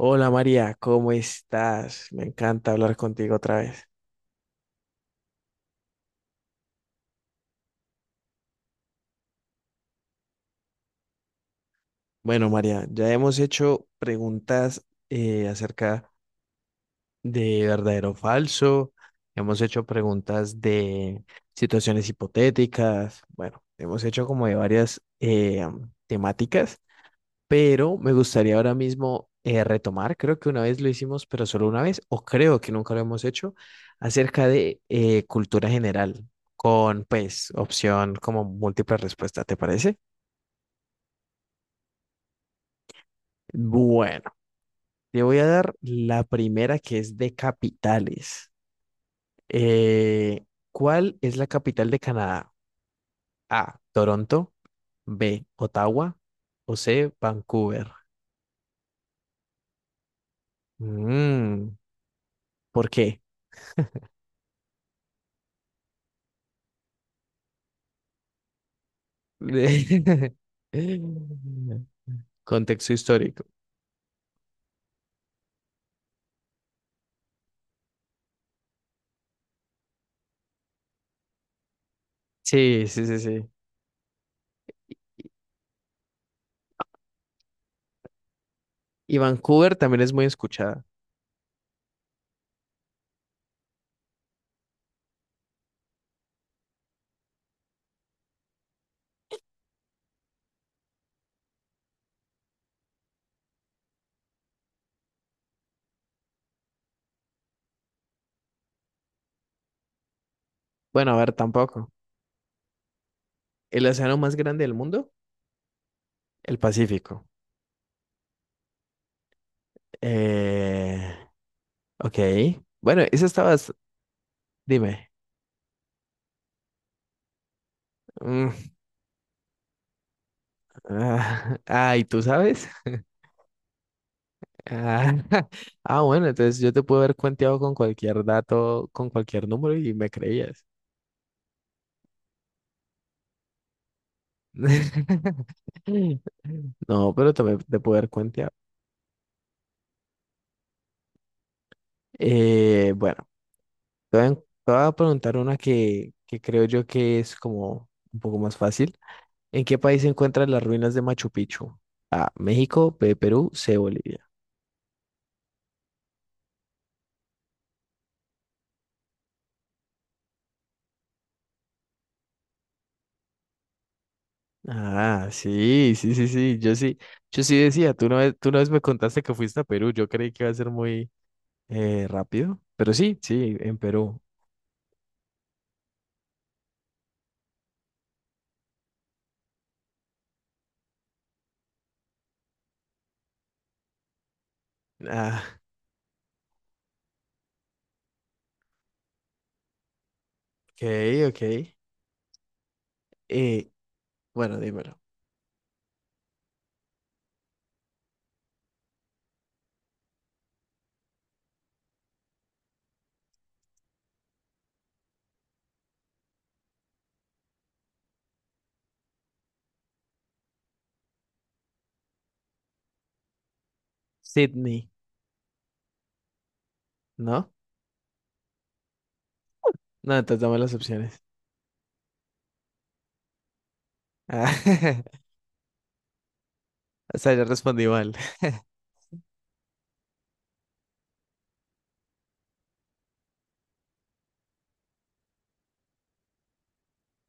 Hola María, ¿cómo estás? Me encanta hablar contigo otra vez. Bueno, María, ya hemos hecho preguntas acerca de verdadero o falso, hemos hecho preguntas de situaciones hipotéticas, bueno, hemos hecho como de varias temáticas pero me gustaría ahora mismo retomar, creo que una vez lo hicimos, pero solo una vez, o creo que nunca lo hemos hecho, acerca de cultura general, con pues opción como múltiple respuesta, ¿te parece? Bueno, te voy a dar la primera que es de capitales. Eh, ¿Cuál es la capital de Canadá? A, Toronto, B, Ottawa o C, Vancouver. Mm, ¿Por qué? Contexto histórico. Sí, sí, sí, sí. Y Vancouver también es muy escuchada. Bueno, a ver, tampoco. El océano más grande del mundo, el Pacífico. Eh, ok. Bueno, eso estabas. Dime. Mm, ah, ah, ¿y tú sabes? Ah, ah, bueno, entonces yo te puedo haber cuenteado con cualquier dato, con cualquier número y me creías. No, pero también te puedo haber cuenteado. Bueno. Te voy a, en- te voy a preguntar una que creo yo que es como un poco más fácil. ¿En qué país se encuentran las ruinas de Machu Picchu? A, México, B, Perú, C, Bolivia. Ah, sí, sí, sí, sí. Yo sí decía, tú una vez me contaste que fuiste a Perú. Yo creí que iba a ser muy rápido, pero sí, sí, en Perú. Ah, ok, ok. Eh, bueno, dímelo. Sydney, ¿no? No, entonces dame las opciones. Ah, o sea, yo respondí mal.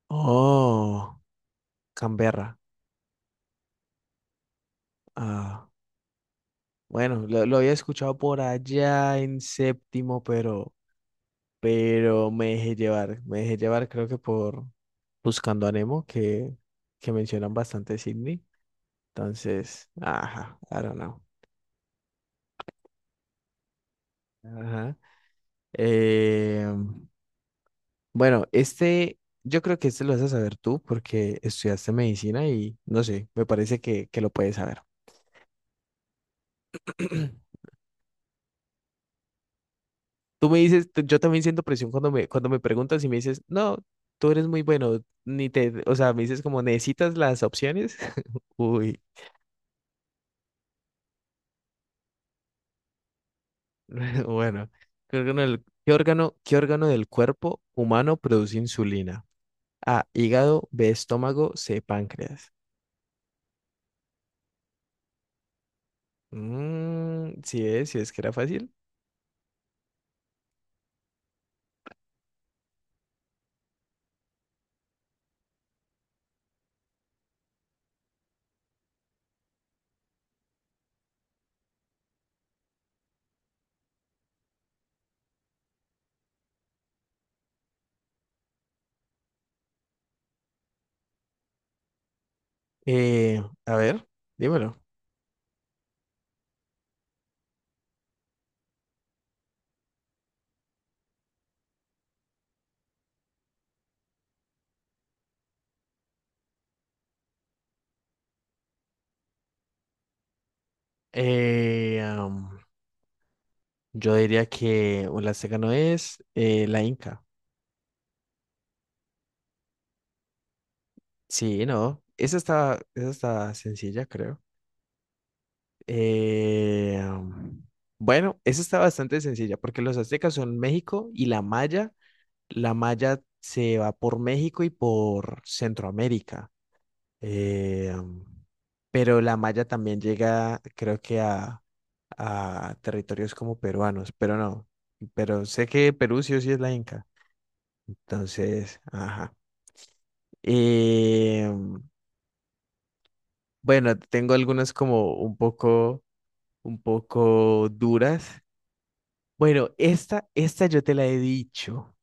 Oh. Canberra. Ah, bueno, lo había escuchado por allá en séptimo, pero me dejé llevar. Me dejé llevar, creo que por Buscando a Nemo, que mencionan bastante Sydney. Entonces, ajá, I don't know. Ajá. Eh, bueno, este, yo creo que este lo vas a saber tú porque estudiaste medicina y no sé, me parece que lo puedes saber. Tú me dices, yo también siento presión cuando cuando me preguntas y me dices, no, tú eres muy bueno, ni te, o sea, me dices como, ¿necesitas las opciones? Uy, bueno, ¿qué órgano del cuerpo humano produce insulina? A, hígado, B, estómago, C, páncreas. Mm, sí es que era fácil. A ver, dímelo. Eh, am, yo diría que, o la seca no es, la Inca. Sí, no. Esa está sencilla, creo. Eh, bueno, esa está bastante sencilla porque los aztecas son México y la maya. La maya se va por México y por Centroamérica. Eh, pero la maya también llega, a territorios como peruanos, pero no. Pero sé que Perú sí o sí es la Inca. Entonces, ajá. Eh, bueno, tengo algunas como un poco duras. Bueno, esta yo te la he dicho.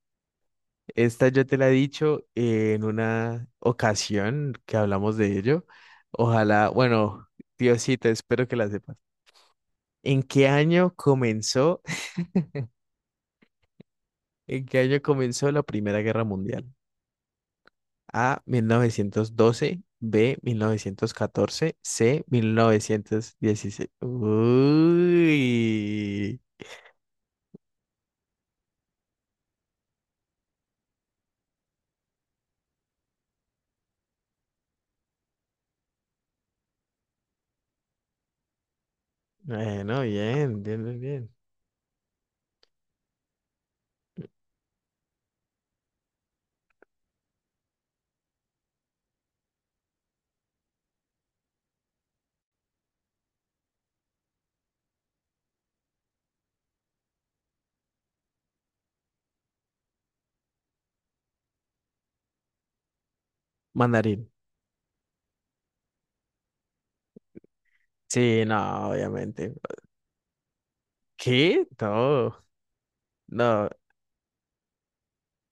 Esta yo te la he dicho en una ocasión que hablamos de ello. Ojalá, bueno, Diosito, espero que la sepas. ¿En qué año comenzó, ¿en qué año comenzó la Primera Guerra Mundial? A, 1912, B, 1914, C, 1916. Uy. Bueno, bien, bien, bien, bien. Mandarín. Sí, no, obviamente. ¿Qué? No, no.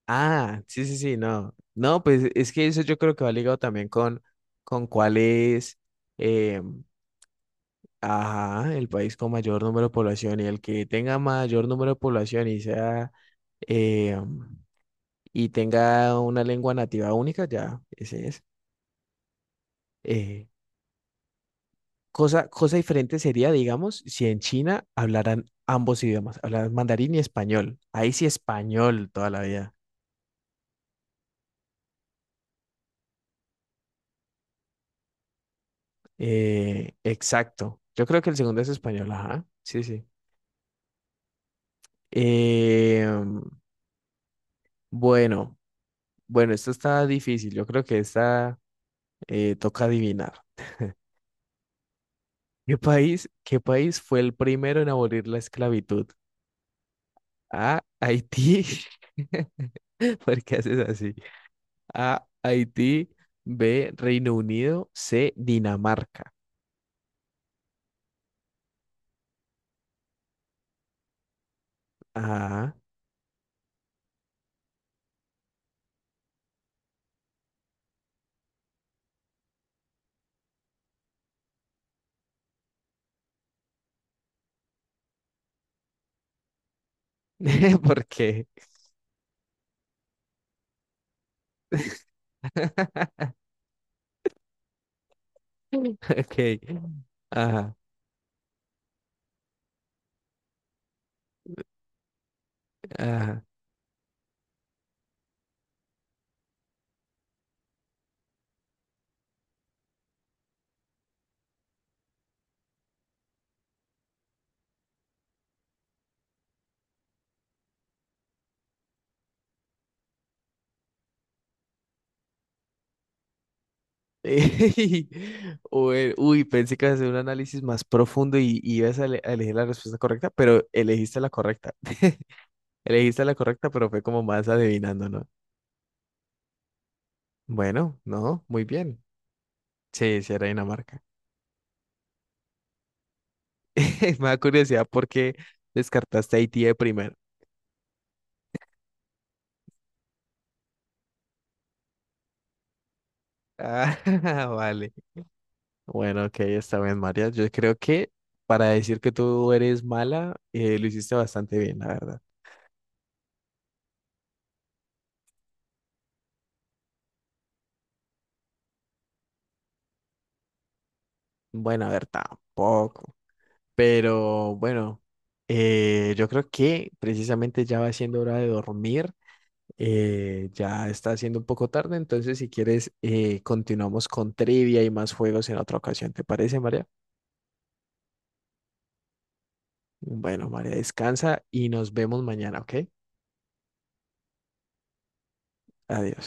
Ah, sí, sí, sí, no. No, pues es que eso yo creo que va ligado también con cuál es, eh, ajá, el país con mayor número de población y el que tenga mayor número de población y sea, eh, y tenga una lengua nativa única, ya, ese es. Eh, cosa diferente sería, digamos, si en China hablaran ambos idiomas, hablaran mandarín y español. Ahí sí español toda la vida. Exacto. Yo creo que el segundo es español, ajá. Sí, sí. Eh, bueno, bueno, esto está difícil. Yo creo que esta toca adivinar. ¿Qué país fue el primero en abolir la esclavitud? A, Haití. ¿Por qué haces así? A, Haití. B, Reino Unido. C, Dinamarca. Ajá. ¿Por qué? Ok. Ajá, ajá. Ey, bueno, uy, pensé que ibas a hacer un análisis más profundo y, a elegir la respuesta correcta, pero elegiste la correcta. Elegiste la correcta, pero fue como más adivinando, ¿no? Bueno, no, muy bien. Sí, sí, era Dinamarca. Me da curiosidad por qué descartaste a Haití de primero. Ah, vale. Bueno, ok, está bien, María. Yo creo que para decir que tú eres mala, lo hiciste bastante bien, la verdad. Bueno, a ver, tampoco. Pero bueno, yo creo que precisamente ya va siendo hora de dormir. Ya está siendo un poco tarde, entonces si quieres continuamos con trivia y más juegos en otra ocasión. ¿Te parece, María? Bueno, María, descansa y nos vemos mañana, ¿ok? Adiós.